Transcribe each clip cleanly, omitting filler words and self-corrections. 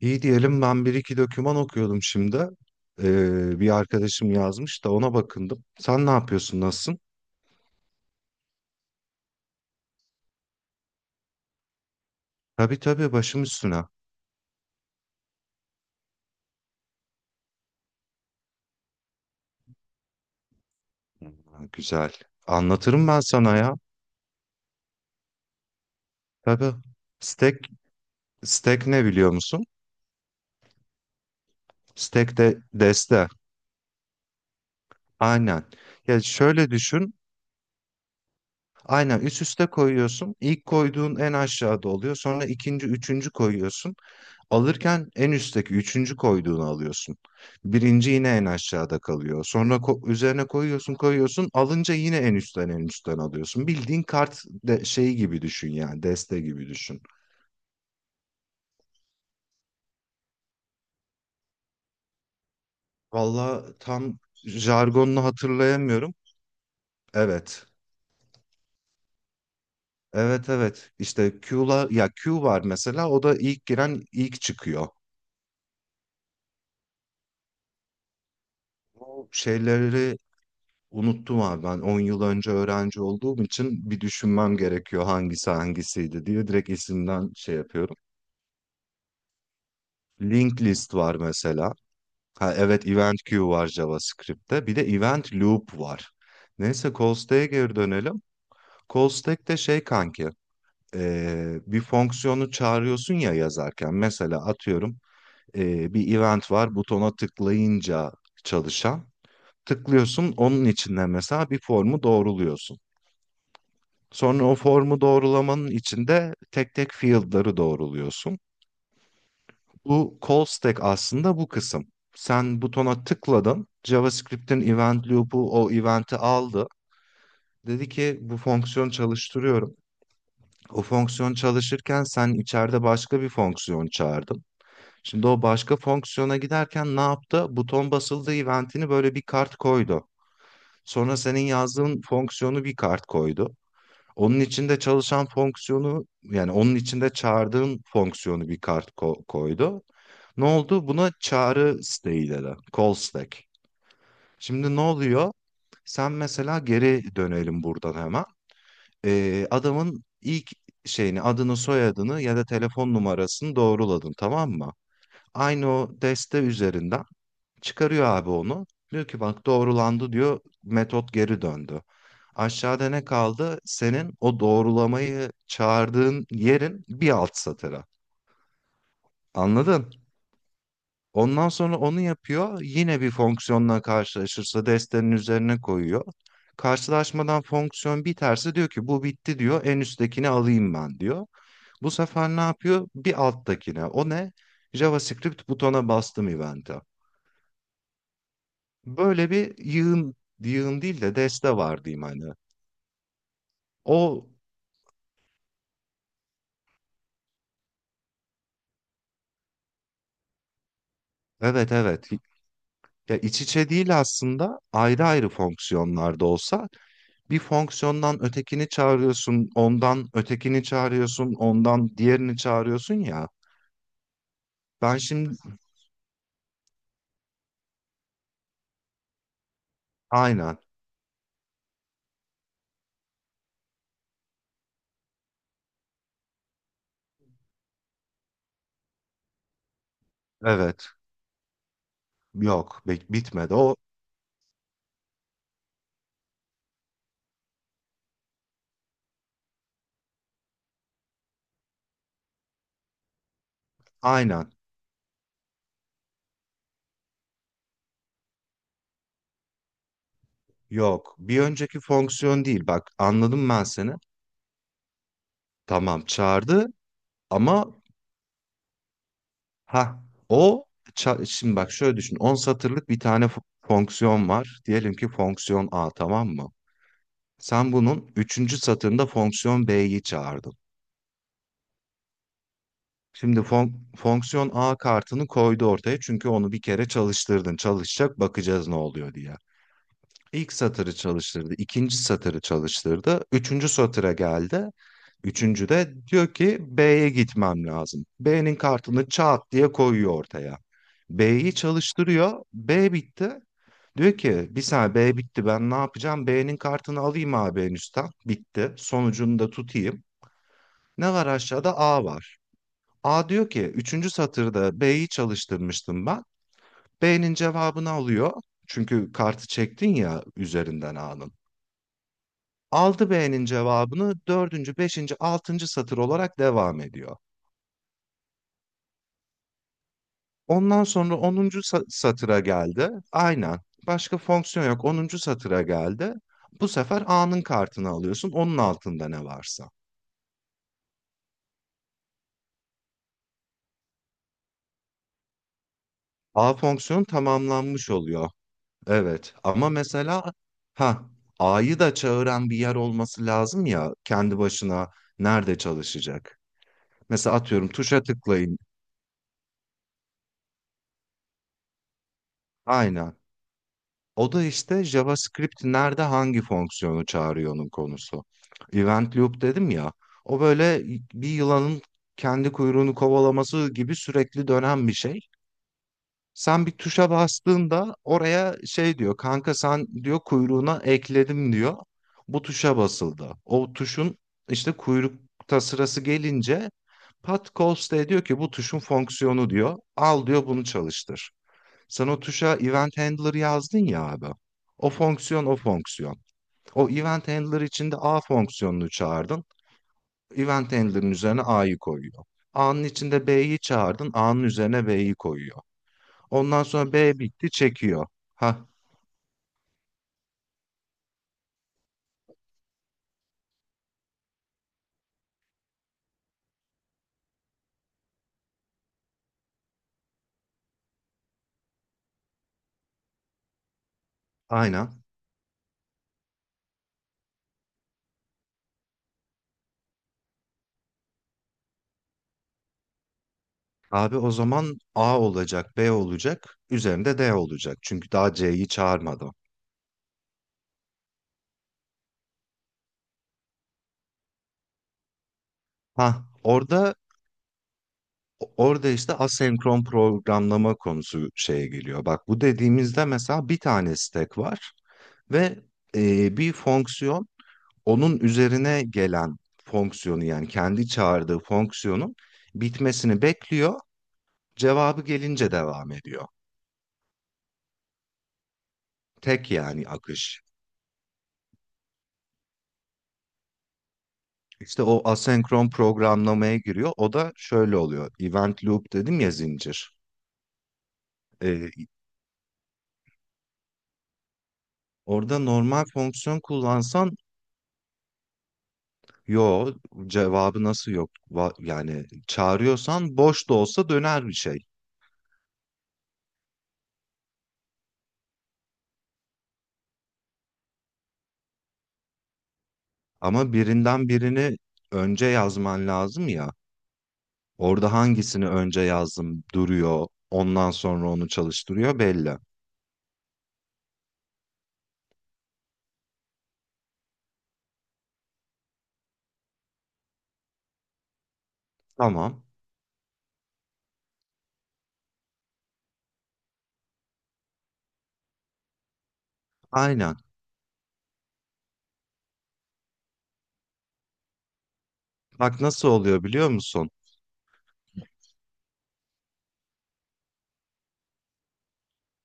İyi diyelim ben bir iki doküman okuyordum şimdi. Bir arkadaşım yazmış da ona bakındım. Sen ne yapıyorsun, nasılsın? Tabii tabii, başım üstüne. Ha, güzel. Anlatırım ben sana ya. Tabii. Stack, stack ne biliyor musun? Stack de deste. Aynen. Ya şöyle düşün. Aynen üst üste koyuyorsun. İlk koyduğun en aşağıda oluyor. Sonra ikinci, üçüncü koyuyorsun. Alırken en üstteki üçüncü koyduğunu alıyorsun. Birinci yine en aşağıda kalıyor. Sonra üzerine koyuyorsun koyuyorsun. Alınca yine en üstten en üstten alıyorsun. Bildiğin kart de şeyi gibi düşün, yani deste gibi düşün. Valla tam jargonunu hatırlayamıyorum. Evet. Evet evet. İşte Q'la, ya Q var mesela, o da ilk giren ilk çıkıyor. Bu şeyleri unuttum abi, ben 10 yıl önce öğrenci olduğum için bir düşünmem gerekiyor hangisi hangisiydi diye, direkt isimden şey yapıyorum. Linked list var mesela. Ha evet, event queue var JavaScript'te. Bir de event loop var. Neyse, call stack'e geri dönelim. Call stack de şey kanki, bir fonksiyonu çağırıyorsun ya yazarken. Mesela atıyorum, bir event var butona tıklayınca çalışan. Tıklıyorsun, onun içinde mesela bir formu doğruluyorsun. Sonra o formu doğrulamanın içinde tek tek field'ları doğruluyorsun. Bu call stack aslında bu kısım. Sen butona tıkladın, JavaScript'in event loop'u o event'i aldı. Dedi ki bu fonksiyon çalıştırıyorum. O fonksiyon çalışırken sen içeride başka bir fonksiyon çağırdın. Şimdi o başka fonksiyona giderken ne yaptı? Buton basıldı event'ini böyle bir kart koydu. Sonra senin yazdığın fonksiyonu bir kart koydu. Onun içinde çalışan fonksiyonu, yani onun içinde çağırdığın fonksiyonu bir kart koydu. Ne oldu? Buna çağrı stack dedi. Call stack. Şimdi ne oluyor? Sen mesela geri dönelim buradan hemen. Adamın ilk şeyini, adını soyadını ya da telefon numarasını doğruladın, tamam mı? Aynı o deste üzerinden çıkarıyor abi onu. Diyor ki bak doğrulandı diyor. Metot geri döndü. Aşağıda ne kaldı? Senin o doğrulamayı çağırdığın yerin bir alt satırı. Anladın? Ondan sonra onu yapıyor. Yine bir fonksiyonla karşılaşırsa destenin üzerine koyuyor. Karşılaşmadan fonksiyon biterse diyor ki bu bitti diyor. En üsttekini alayım ben diyor. Bu sefer ne yapıyor? Bir alttakine. O ne? JavaScript, butona bastım event'e. Böyle bir yığın, yığın değil de deste var diyeyim hani. O, evet evet, ya iç içe değil aslında, ayrı ayrı fonksiyonlarda olsa bir fonksiyondan ötekini çağırıyorsun, ondan ötekini çağırıyorsun, ondan diğerini çağırıyorsun ya. Ben şimdi aynen evet, yok bitmedi o aynen, yok bir önceki fonksiyon değil, bak anladım ben seni. Tamam çağırdı ama, ha o şimdi bak şöyle düşün. 10 satırlık bir tane fonksiyon var. Diyelim ki fonksiyon A, tamam mı? Sen bunun üçüncü satırında fonksiyon B'yi çağırdın. Şimdi fonksiyon A kartını koydu ortaya, çünkü onu bir kere çalıştırdın. Çalışacak, bakacağız ne oluyor diye. İlk satırı çalıştırdı, ikinci satırı çalıştırdı, üçüncü satıra geldi. Üçüncü de diyor ki B'ye gitmem lazım. B'nin kartını çat diye koyuyor ortaya. B'yi çalıştırıyor. B bitti. Diyor ki bir saniye B bitti ben ne yapacağım? B'nin kartını alayım abi en üstten. Bitti. Sonucunu da tutayım. Ne var aşağıda? A var. A diyor ki üçüncü satırda B'yi çalıştırmıştım ben. B'nin cevabını alıyor. Çünkü kartı çektin ya üzerinden A'nın. Aldı B'nin cevabını, dördüncü, beşinci, altıncı satır olarak devam ediyor. Ondan sonra onuncu satıra geldi. Aynen. Başka fonksiyon yok. Onuncu satıra geldi. Bu sefer A'nın kartını alıyorsun. Onun altında ne varsa. A fonksiyonu tamamlanmış oluyor. Evet. Ama mesela, ha, A'yı da çağıran bir yer olması lazım ya, kendi başına nerede çalışacak? Mesela atıyorum, tuşa tıklayın. Aynen. O da işte JavaScript nerede hangi fonksiyonu çağırıyor'nun konusu. Event loop dedim ya. O böyle bir yılanın kendi kuyruğunu kovalaması gibi sürekli dönen bir şey. Sen bir tuşa bastığında oraya şey diyor kanka, sen diyor kuyruğuna ekledim diyor. Bu tuşa basıldı. O tuşun işte kuyrukta sırası gelince, Pat Coste diyor ki bu tuşun fonksiyonu diyor. Al diyor bunu çalıştır. Sen o tuşa event handler yazdın ya abi. O fonksiyon o fonksiyon. O event handler içinde A fonksiyonunu çağırdın. Event handler'ın üzerine A'yı koyuyor. A'nın içinde B'yi çağırdın. A'nın üzerine B'yi koyuyor. Ondan sonra B bitti çekiyor. Ha, aynen. Abi o zaman A olacak, B olacak, üzerinde D olacak. Çünkü daha C'yi çağırmadım. Ha, orada işte asenkron programlama konusu şeye geliyor. Bak bu dediğimizde mesela bir tane stack var ve bir fonksiyon onun üzerine gelen fonksiyonu, yani kendi çağırdığı fonksiyonun bitmesini bekliyor. Cevabı gelince devam ediyor. Tek yani akış. İşte o asenkron programlamaya giriyor. O da şöyle oluyor. Event loop dedim ya zincir. Ee, Orada normal fonksiyon kullansan, yo, cevabı nasıl yok? Yani çağırıyorsan boş da olsa döner bir şey. Ama birinden birini önce yazman lazım ya. Orada hangisini önce yazdım duruyor. Ondan sonra onu çalıştırıyor belli. Tamam. Aynen. Bak nasıl oluyor biliyor musun?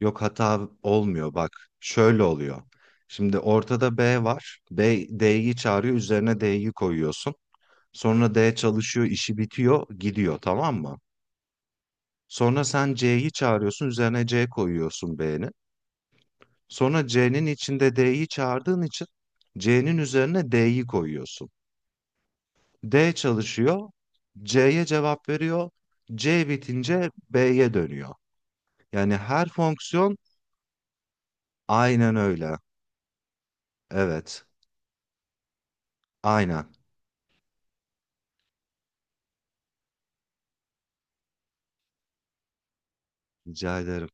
Yok hata olmuyor bak. Şöyle oluyor. Şimdi ortada B var. B D'yi çağırıyor. Üzerine D'yi koyuyorsun. Sonra D çalışıyor, işi bitiyor, gidiyor, tamam mı? Sonra sen C'yi çağırıyorsun. Üzerine C koyuyorsun B'nin. Sonra C'nin içinde D'yi çağırdığın için C'nin üzerine D'yi koyuyorsun. D çalışıyor. C'ye cevap veriyor. C bitince B'ye dönüyor. Yani her fonksiyon aynen öyle. Evet. Aynen. Rica ederim.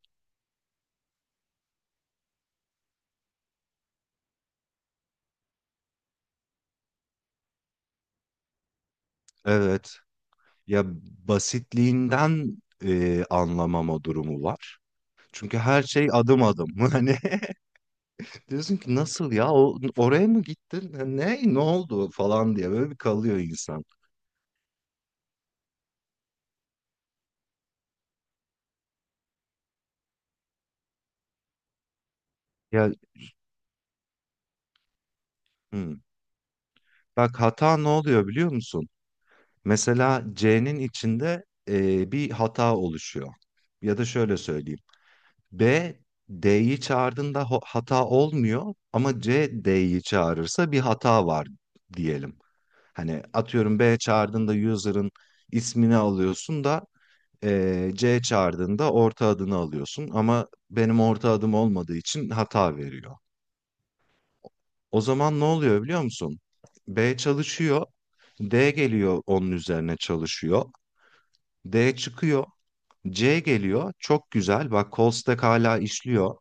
Evet. Ya basitliğinden anlamama durumu var. Çünkü her şey adım adım. Hani diyorsun ki nasıl ya, oraya mı gittin? Ne oldu falan diye böyle bir kalıyor insan. Ya, hı. Bak hata ne oluyor biliyor musun? Mesela C'nin içinde bir hata oluşuyor. Ya da şöyle söyleyeyim. B D'yi çağırdığında hata olmuyor ama C D'yi çağırırsa bir hata var diyelim. Hani atıyorum B çağırdığında user'ın ismini alıyorsun da C çağırdığında orta adını alıyorsun ama benim orta adım olmadığı için hata veriyor. O zaman ne oluyor biliyor musun? B çalışıyor, D geliyor onun üzerine çalışıyor, D çıkıyor, C geliyor, çok güzel bak call stack hala işliyor.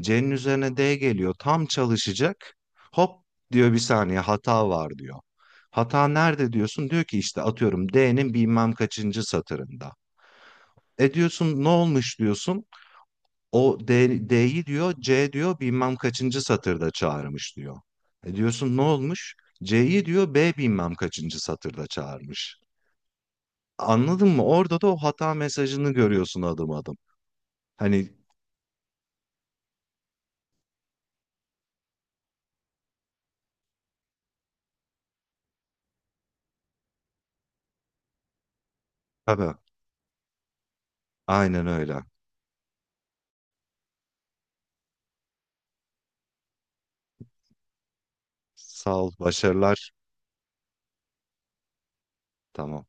C'nin üzerine D geliyor. Tam çalışacak. Hop diyor bir saniye hata var diyor. Hata nerede diyorsun? Diyor ki işte atıyorum D'nin bilmem kaçıncı satırında. E diyorsun ne olmuş diyorsun. O D, D'yi diyor C diyor bilmem kaçıncı satırda çağırmış diyor. E diyorsun ne olmuş? C'yi diyor B bilmem kaçıncı satırda çağırmış. Anladın mı? Orada da o hata mesajını görüyorsun adım adım. Hani tabii aynen öyle. Sağ ol, başarılar. Tamam.